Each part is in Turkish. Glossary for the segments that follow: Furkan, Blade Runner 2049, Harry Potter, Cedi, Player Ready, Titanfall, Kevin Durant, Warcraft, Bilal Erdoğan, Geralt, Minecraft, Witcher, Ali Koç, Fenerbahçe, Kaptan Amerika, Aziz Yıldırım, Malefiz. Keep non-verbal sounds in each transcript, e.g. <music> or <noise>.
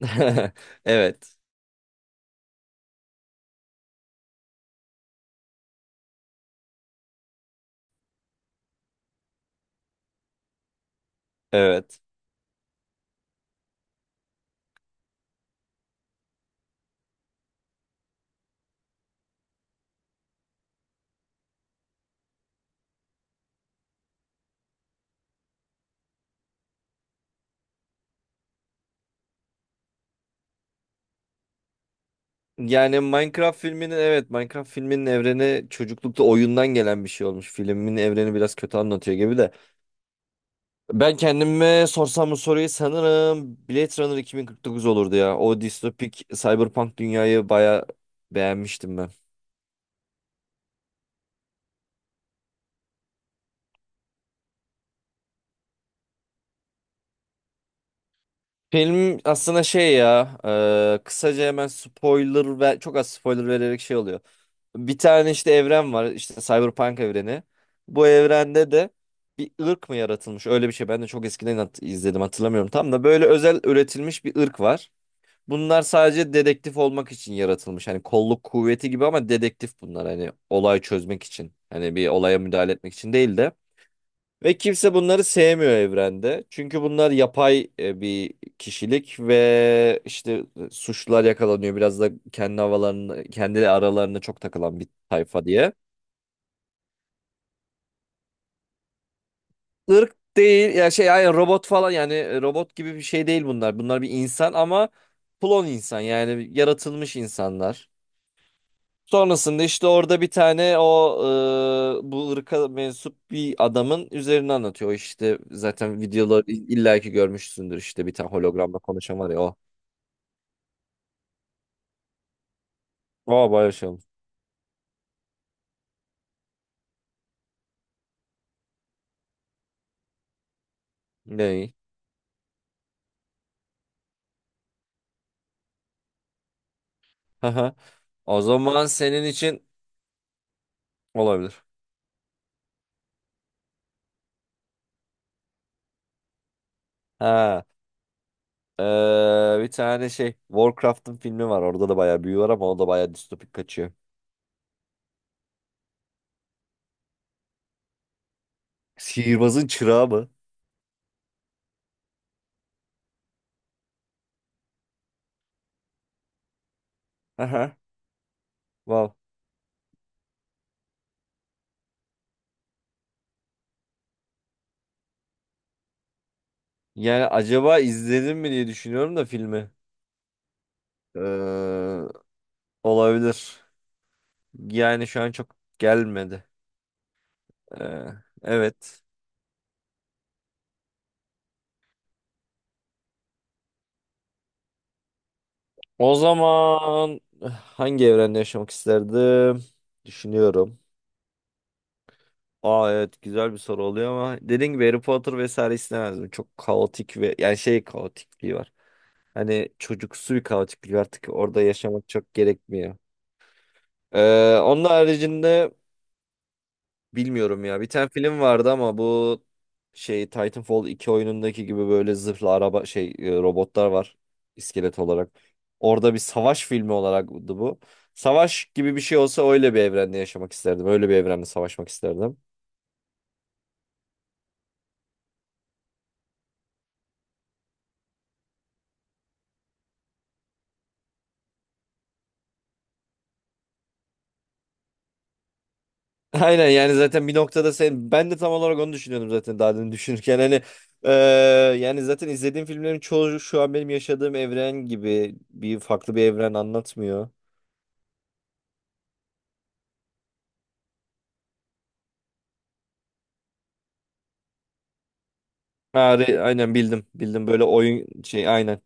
<laughs> Evet. Evet. Yani Minecraft filminin Minecraft filminin evreni çocuklukta oyundan gelen bir şey olmuş. Filmin evreni biraz kötü anlatıyor gibi de. Ben kendime sorsam bu soruyu sanırım Blade Runner 2049 olurdu ya. O distopik cyberpunk dünyayı baya beğenmiştim ben. Film aslında şey ya, kısaca hemen spoiler ve çok az spoiler vererek şey oluyor. Bir tane işte evren var, işte Cyberpunk evreni. Bu evrende de bir ırk mı yaratılmış, öyle bir şey. Ben de çok eskiden izledim, hatırlamıyorum tam da, böyle özel üretilmiş bir ırk var. Bunlar sadece dedektif olmak için yaratılmış. Hani kolluk kuvveti gibi ama dedektif bunlar, hani olay çözmek için. Hani bir olaya müdahale etmek için değil de. Ve kimse bunları sevmiyor evrende. Çünkü bunlar yapay bir kişilik ve işte suçlular yakalanıyor. Biraz da kendi havalarını, kendi aralarına çok takılan bir tayfa diye. Irk değil ya, şey yani robot falan, yani robot gibi bir şey değil bunlar. Bunlar bir insan ama klon insan, yani yaratılmış insanlar. Sonrasında işte orada bir tane o bu ırka mensup bir adamın üzerini anlatıyor. O İşte zaten videoları illaki görmüşsündür, işte bir tane hologramla konuşan var ya, o. O bayağı şey olmuş. Ne iyi. Haha. O zaman senin için olabilir. Ha. e, Bir tane şey Warcraft'ın filmi var. Orada da bayağı büyü var ama o da bayağı distopik kaçıyor. Sihirbazın çırağı mı? Aha. Wow. Yani acaba izledim mi diye düşünüyorum da filmi. Ee, Olabilir. Yani şu an çok gelmedi. Ee, evet. O zaman hangi evrende yaşamak isterdim? Düşünüyorum. Aa evet, güzel bir soru oluyor ama dediğim gibi Harry Potter vesaire istemezdim. Çok kaotik ve yani şey kaotikliği var. Hani çocuksu bir kaotiklik, artık orada yaşamak çok gerekmiyor. Onun haricinde bilmiyorum ya. Bir tane film vardı ama bu, şey Titanfall iki oyunundaki gibi böyle zırhlı araba şey, robotlar var, iskelet olarak. Orada bir savaş filmi olaraktı bu. Savaş gibi bir şey olsa öyle bir evrende yaşamak isterdim. Öyle bir evrende savaşmak isterdim. <laughs> Aynen, yani zaten bir noktada sen, ben de tam olarak onu düşünüyordum zaten daha demin düşünürken hani e, yani zaten izlediğim filmlerin çoğu şu an benim yaşadığım evren gibi, bir farklı bir evren anlatmıyor. Ha, aynen, bildim bildim, böyle oyun şey, aynen.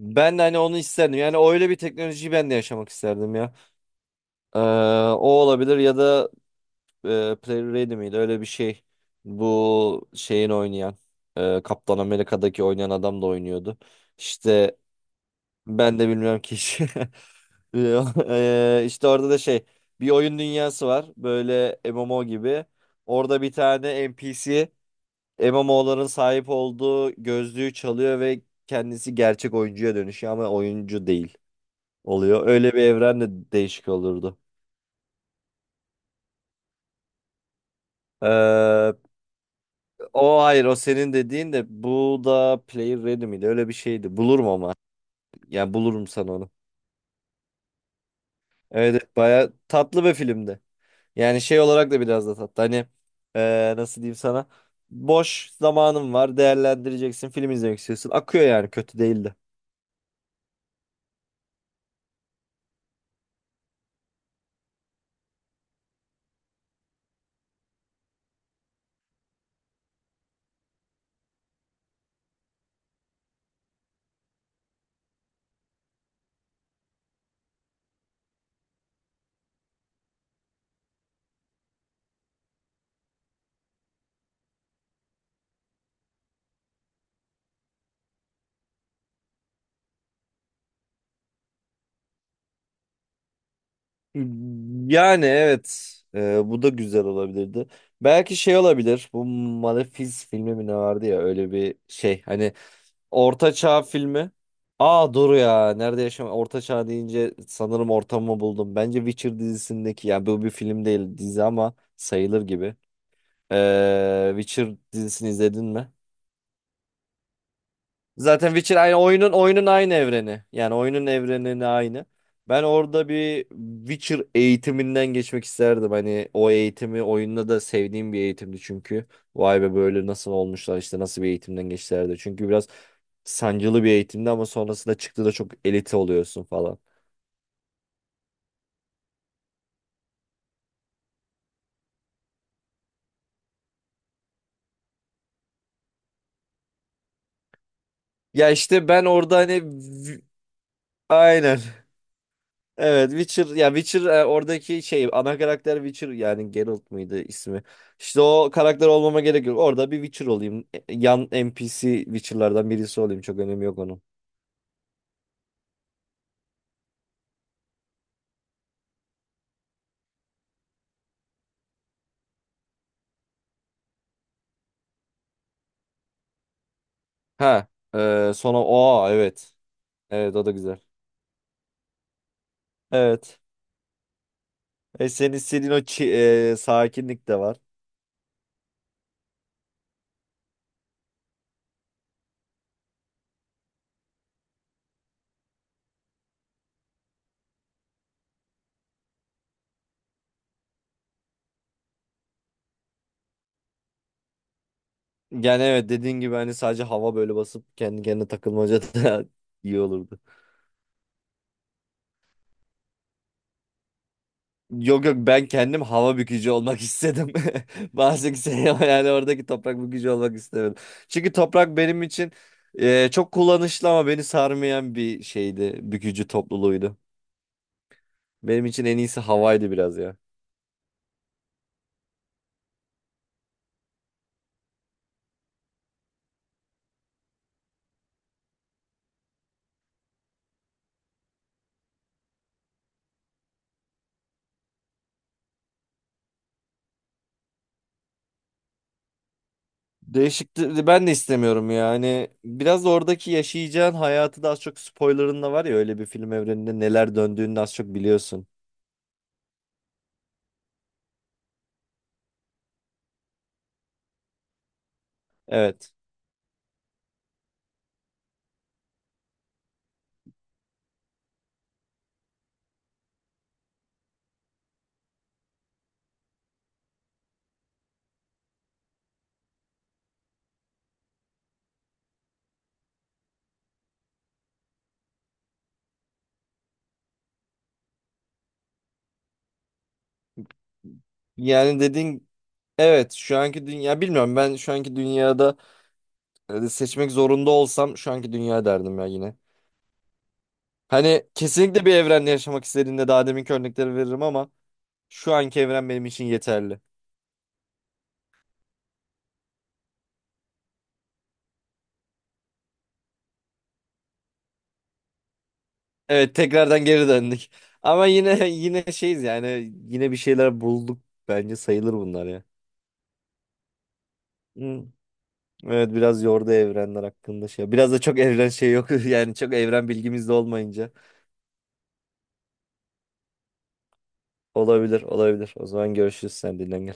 Ben de hani onu isterdim. Yani öyle bir teknolojiyi ben de yaşamak isterdim ya. Ee, O olabilir ya da Player Ready miydi? Öyle bir şey. Bu şeyin oynayan, Kaptan Amerika'daki oynayan adam da oynuyordu. İşte ben de bilmiyorum ki. <laughs> İşte orada da şey, bir oyun dünyası var. Böyle MMO gibi. Orada bir tane NPC, MMO'ların sahip olduğu gözlüğü çalıyor ve kendisi gerçek oyuncuya dönüşüyor ama oyuncu değil. Oluyor. Öyle bir evren de değişik olurdu. Ee, o hayır, o senin dediğin, de bu da Player Ready miydi? Öyle bir şeydi. Bulurum ama. Yani bulurum sana onu. Evet evet, baya tatlı bir filmdi. Yani şey olarak da biraz da tatlı. Hani nasıl diyeyim sana? Boş zamanın var, değerlendireceksin, film izlemek istiyorsun. Akıyor, yani kötü değildi. Yani evet, bu da güzel olabilirdi. Belki şey olabilir, bu Malefiz filmi mi ne vardı ya, öyle bir şey, hani Orta Çağ filmi. Aa dur ya. Nerede yaşam? Orta Çağ deyince sanırım ortamı buldum. Bence Witcher dizisindeki, ya bu bir film değil dizi ama sayılır gibi. Witcher dizisini izledin mi? Zaten Witcher aynı, oyunun aynı evreni. Yani oyunun evrenini aynı. Ben orada bir Witcher eğitiminden geçmek isterdim. Hani o eğitimi oyunda da sevdiğim bir eğitimdi çünkü. Vay be, böyle nasıl olmuşlar işte, nasıl bir eğitimden geçtilerdi. Çünkü biraz sancılı bir eğitimdi ama sonrasında çıktı da çok elite oluyorsun falan. Ya işte ben orada hani v- aynen. <laughs> Evet Witcher, ya Witcher oradaki şey ana karakter Witcher, yani Geralt mıydı ismi? İşte o karakter olmama gerek yok. Orada bir Witcher olayım. E, yan NPC Witcher'lardan birisi olayım. Çok önemi yok onun. Ha, sonra o, evet. Evet o da güzel. Evet. E, senin istediğin o sakinlik de var. Yani evet, dediğin gibi hani sadece hava böyle basıp kendi kendine takılmaca da <laughs> iyi olurdu. Yok yok, ben kendim hava bükücü olmak istedim. <laughs> Bazı kimseye ama <laughs> yani oradaki toprak bükücü olmak istemedim. Çünkü toprak benim için çok kullanışlı ama beni sarmayan bir şeydi. Bükücü topluluğuydu. Benim için en iyisi havaydı biraz ya. Değişikti, ben de istemiyorum yani. Biraz da oradaki yaşayacağın hayatı da, az çok spoilerın da var ya, öyle bir film evreninde neler döndüğünü de az çok biliyorsun. Evet. Yani dediğin, evet, şu anki dünya bilmiyorum, ben şu anki dünyada seçmek zorunda olsam şu anki dünya derdim ya yine. Hani kesinlikle bir evrende yaşamak istediğimde daha deminki örnekleri veririm ama şu anki evren benim için yeterli. Evet, tekrardan geri döndük. Ama yine <laughs> yine şeyiz, yani yine bir şeyler bulduk bence, sayılır bunlar ya. Hı. Evet, biraz yordu evrenler hakkında şey. Biraz da çok evren şey yok <laughs> yani çok evren bilgimiz de olmayınca. Olabilir olabilir. O zaman görüşürüz, sen dinlen.